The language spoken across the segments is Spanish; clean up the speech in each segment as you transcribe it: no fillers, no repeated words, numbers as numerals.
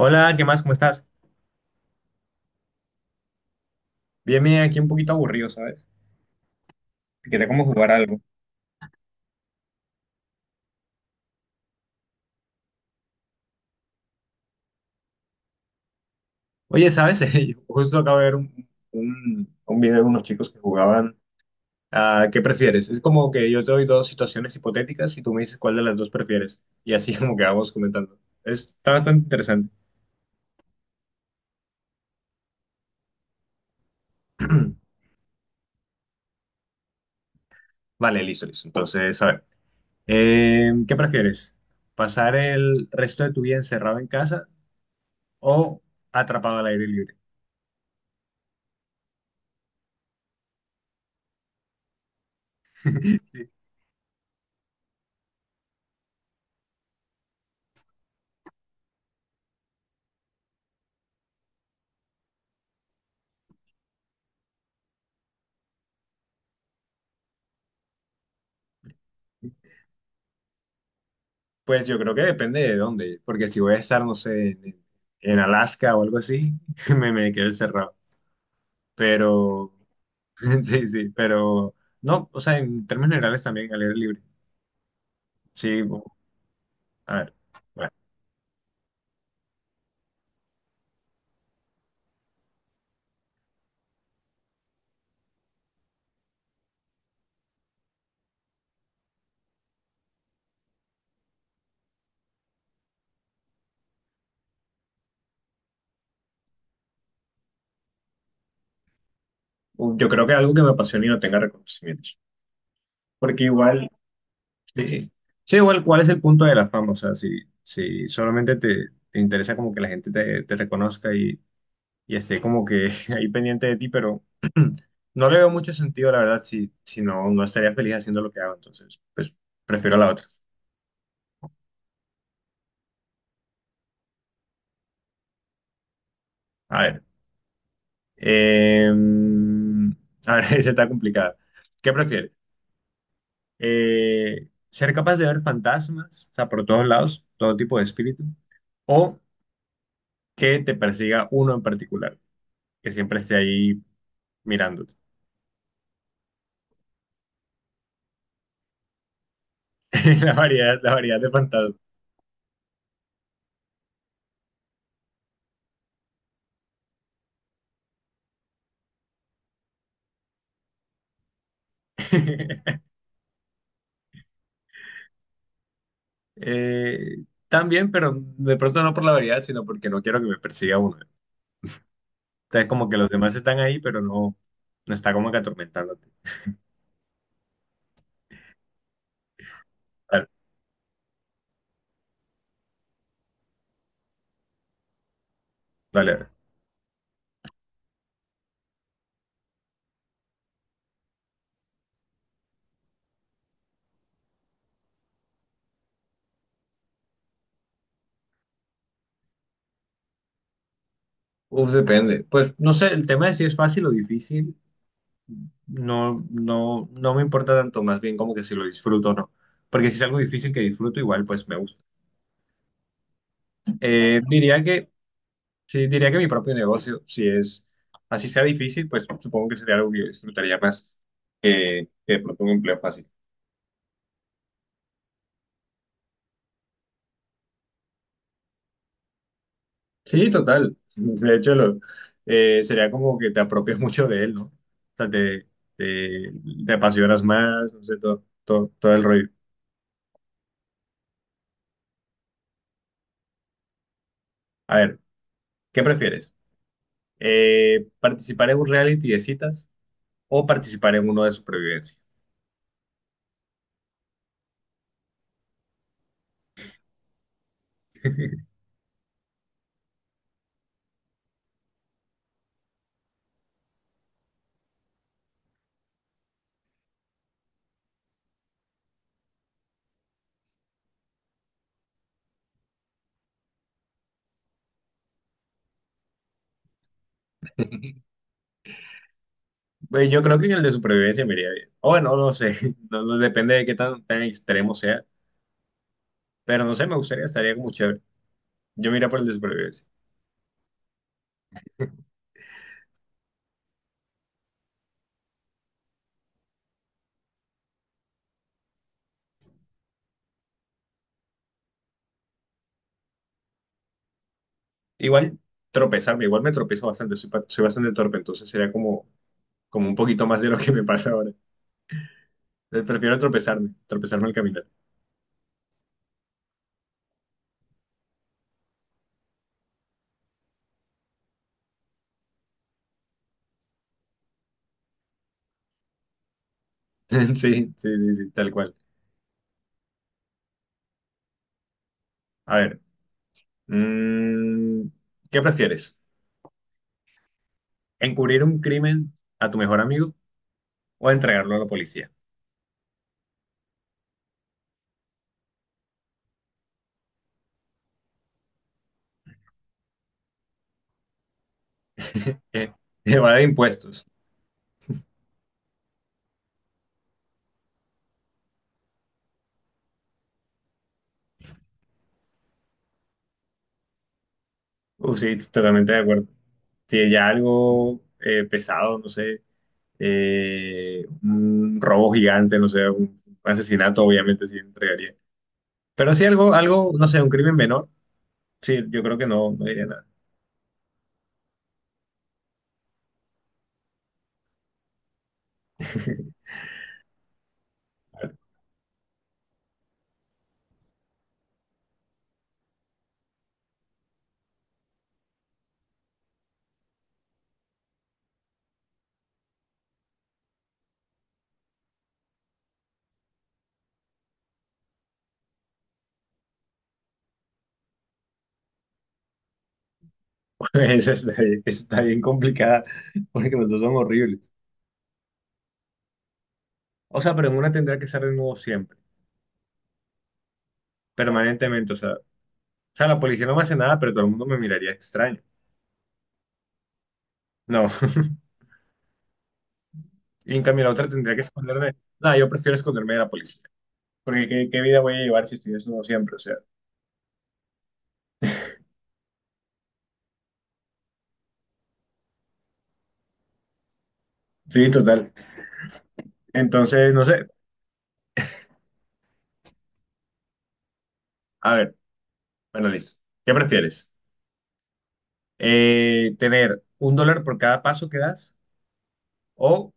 Hola, ¿qué más? ¿Cómo estás? Bien, bien, aquí un poquito aburrido, ¿sabes? Quería como jugar algo. Oye, ¿sabes? Yo justo acabo de ver un video de unos chicos que jugaban a ¿qué prefieres? Es como que yo te doy dos situaciones hipotéticas y tú me dices cuál de las dos prefieres. Y así como que vamos comentando. Está bastante interesante. Vale, listo, listo. Entonces, a ver, ¿qué prefieres? ¿Pasar el resto de tu vida encerrado en casa o atrapado al aire libre? Sí. Pues yo creo que depende de dónde, porque si voy a estar, no sé, en Alaska o algo así, me quedo encerrado. Pero, sí, sí, pero no, o sea, en términos generales también al aire libre. Sí, a ver, bueno, yo creo que algo que me apasione y no tenga reconocimientos, porque igual, sí, sí, igual, ¿cuál es el punto de la fama? O sea, si, si solamente te interesa como que la gente te reconozca y esté como que ahí pendiente de ti, pero no le veo mucho sentido, la verdad, si, si no, no estaría feliz haciendo lo que hago, entonces, pues prefiero la otra. A ver, eh, a ver, esa está complicada. ¿Qué prefieres? ¿Ser capaz de ver fantasmas, o sea, por todos lados, todo tipo de espíritu, o que te persiga uno en particular, que siempre esté ahí mirándote? La variedad de fantasmas. Eh, también, pero de pronto no por la variedad, sino porque no quiero que me persiga uno. Entonces, como que los demás están ahí, pero no, no está como que atormentándote. Dale, dale, dale. Uf, depende. Pues no sé, el tema de si es fácil o difícil, no, no, no me importa tanto, más bien como que si lo disfruto o no. Porque si es algo difícil que disfruto, igual pues me gusta. Eh, diría que, sí, diría que mi propio negocio, si es así sea difícil, pues supongo que sería algo que yo disfrutaría más que de pronto un empleo fácil. Sí, total. Sería como que te apropias mucho de él, ¿no? O sea, te, te apasionas más, no sé, todo, todo, todo el rollo. A ver, ¿qué prefieres? ¿Participar en un reality de citas o participar en uno de supervivencia? Pues yo creo que en el de supervivencia me iría bien. O bueno, no sé, no, no depende de qué tan extremo sea, pero no sé, me gustaría, estaría como chévere. Yo me iría por el de supervivencia. Igual tropezarme, igual me tropezo bastante, soy bastante torpe, entonces sería como como un poquito más de lo que me pasa ahora. Prefiero tropezarme, tropezarme al caminar. Sí, sí, sí, sí, tal cual. A ver, mm, ¿qué prefieres? ¿Encubrir un crimen a tu mejor amigo o entregarlo a la policía? Eh, evade impuestos. Sí, totalmente de acuerdo. Si ya algo pesado, no sé, un robo gigante, no sé, un asesinato, obviamente sí entregaría. Pero si algo, algo, no sé, un crimen menor, sí, yo creo que no, no diría nada. Esa está bien complicada, porque los dos son horribles. O sea, pero en una tendría que estar de nuevo siempre, permanentemente. O sea, la policía no me hace nada, pero todo el mundo me miraría extraño. No. Y en cambio la otra tendría que esconderme. Nada, yo prefiero esconderme de la policía. Porque ¿qué, qué vida voy a llevar si estoy desnudo siempre? O sea, sí, total. Entonces, no sé. A ver, bueno, listo. ¿Qué prefieres? ¿Tener un dólar por cada paso que das o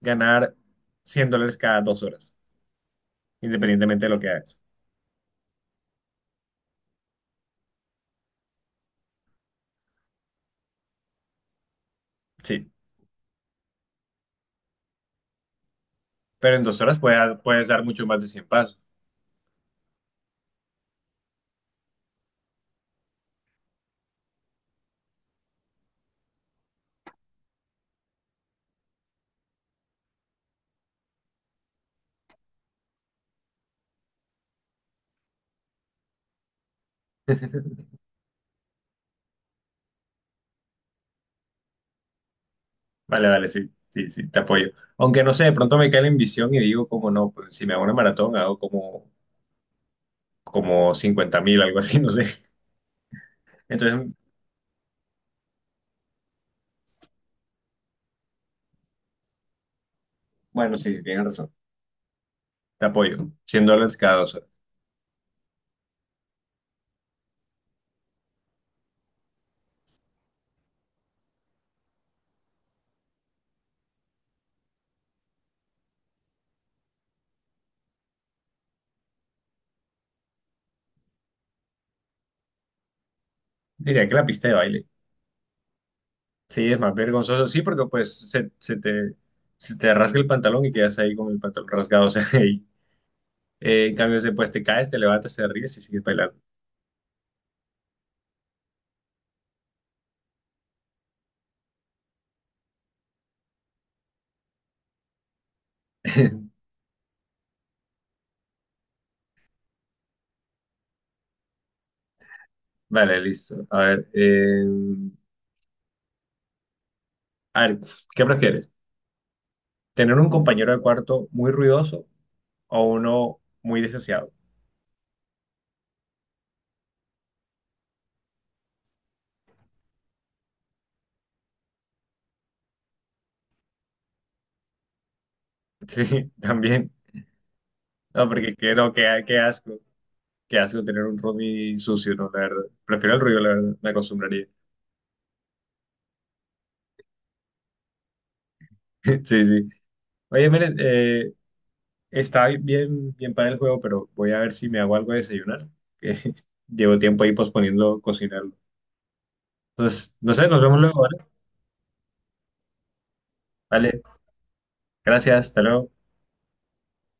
ganar 100 dólares cada dos horas, independientemente de lo que hagas? Sí. Pero en dos horas puedes dar mucho más de cien pasos. Vale, vale, sí, sí, sí, te apoyo. Aunque no sé, de pronto me cae la ambición y digo, como no, pues, si me hago una maratón, como 50.000, algo así, no sé. Entonces, bueno, sí, sí, tienes razón. Te apoyo. 100 dólares cada dos horas. Diría que la pista de baile. Sí, es más vergonzoso, sí, porque pues se te rasga el pantalón y quedas ahí con el pantalón rasgado. O sea, ahí. En cambio, después te caes, te levantas, te ríes y sigues bailando. Vale, listo. A ver, a ver, ¿qué prefieres? ¿Tener un compañero de cuarto muy ruidoso o uno muy desaseado? Sí, también. No, porque que, no, qué, qué asco. Qué asco tener un roomie sucio, ¿no? La verdad. Prefiero el ruido, la verdad. Me acostumbraría. Sí, sí. Oye, miren, está bien, bien para el juego, pero voy a ver si me hago algo de desayunar. Que llevo tiempo ahí posponiendo cocinarlo. Entonces, no sé, nos vemos luego, ¿vale? Vale, gracias, hasta luego.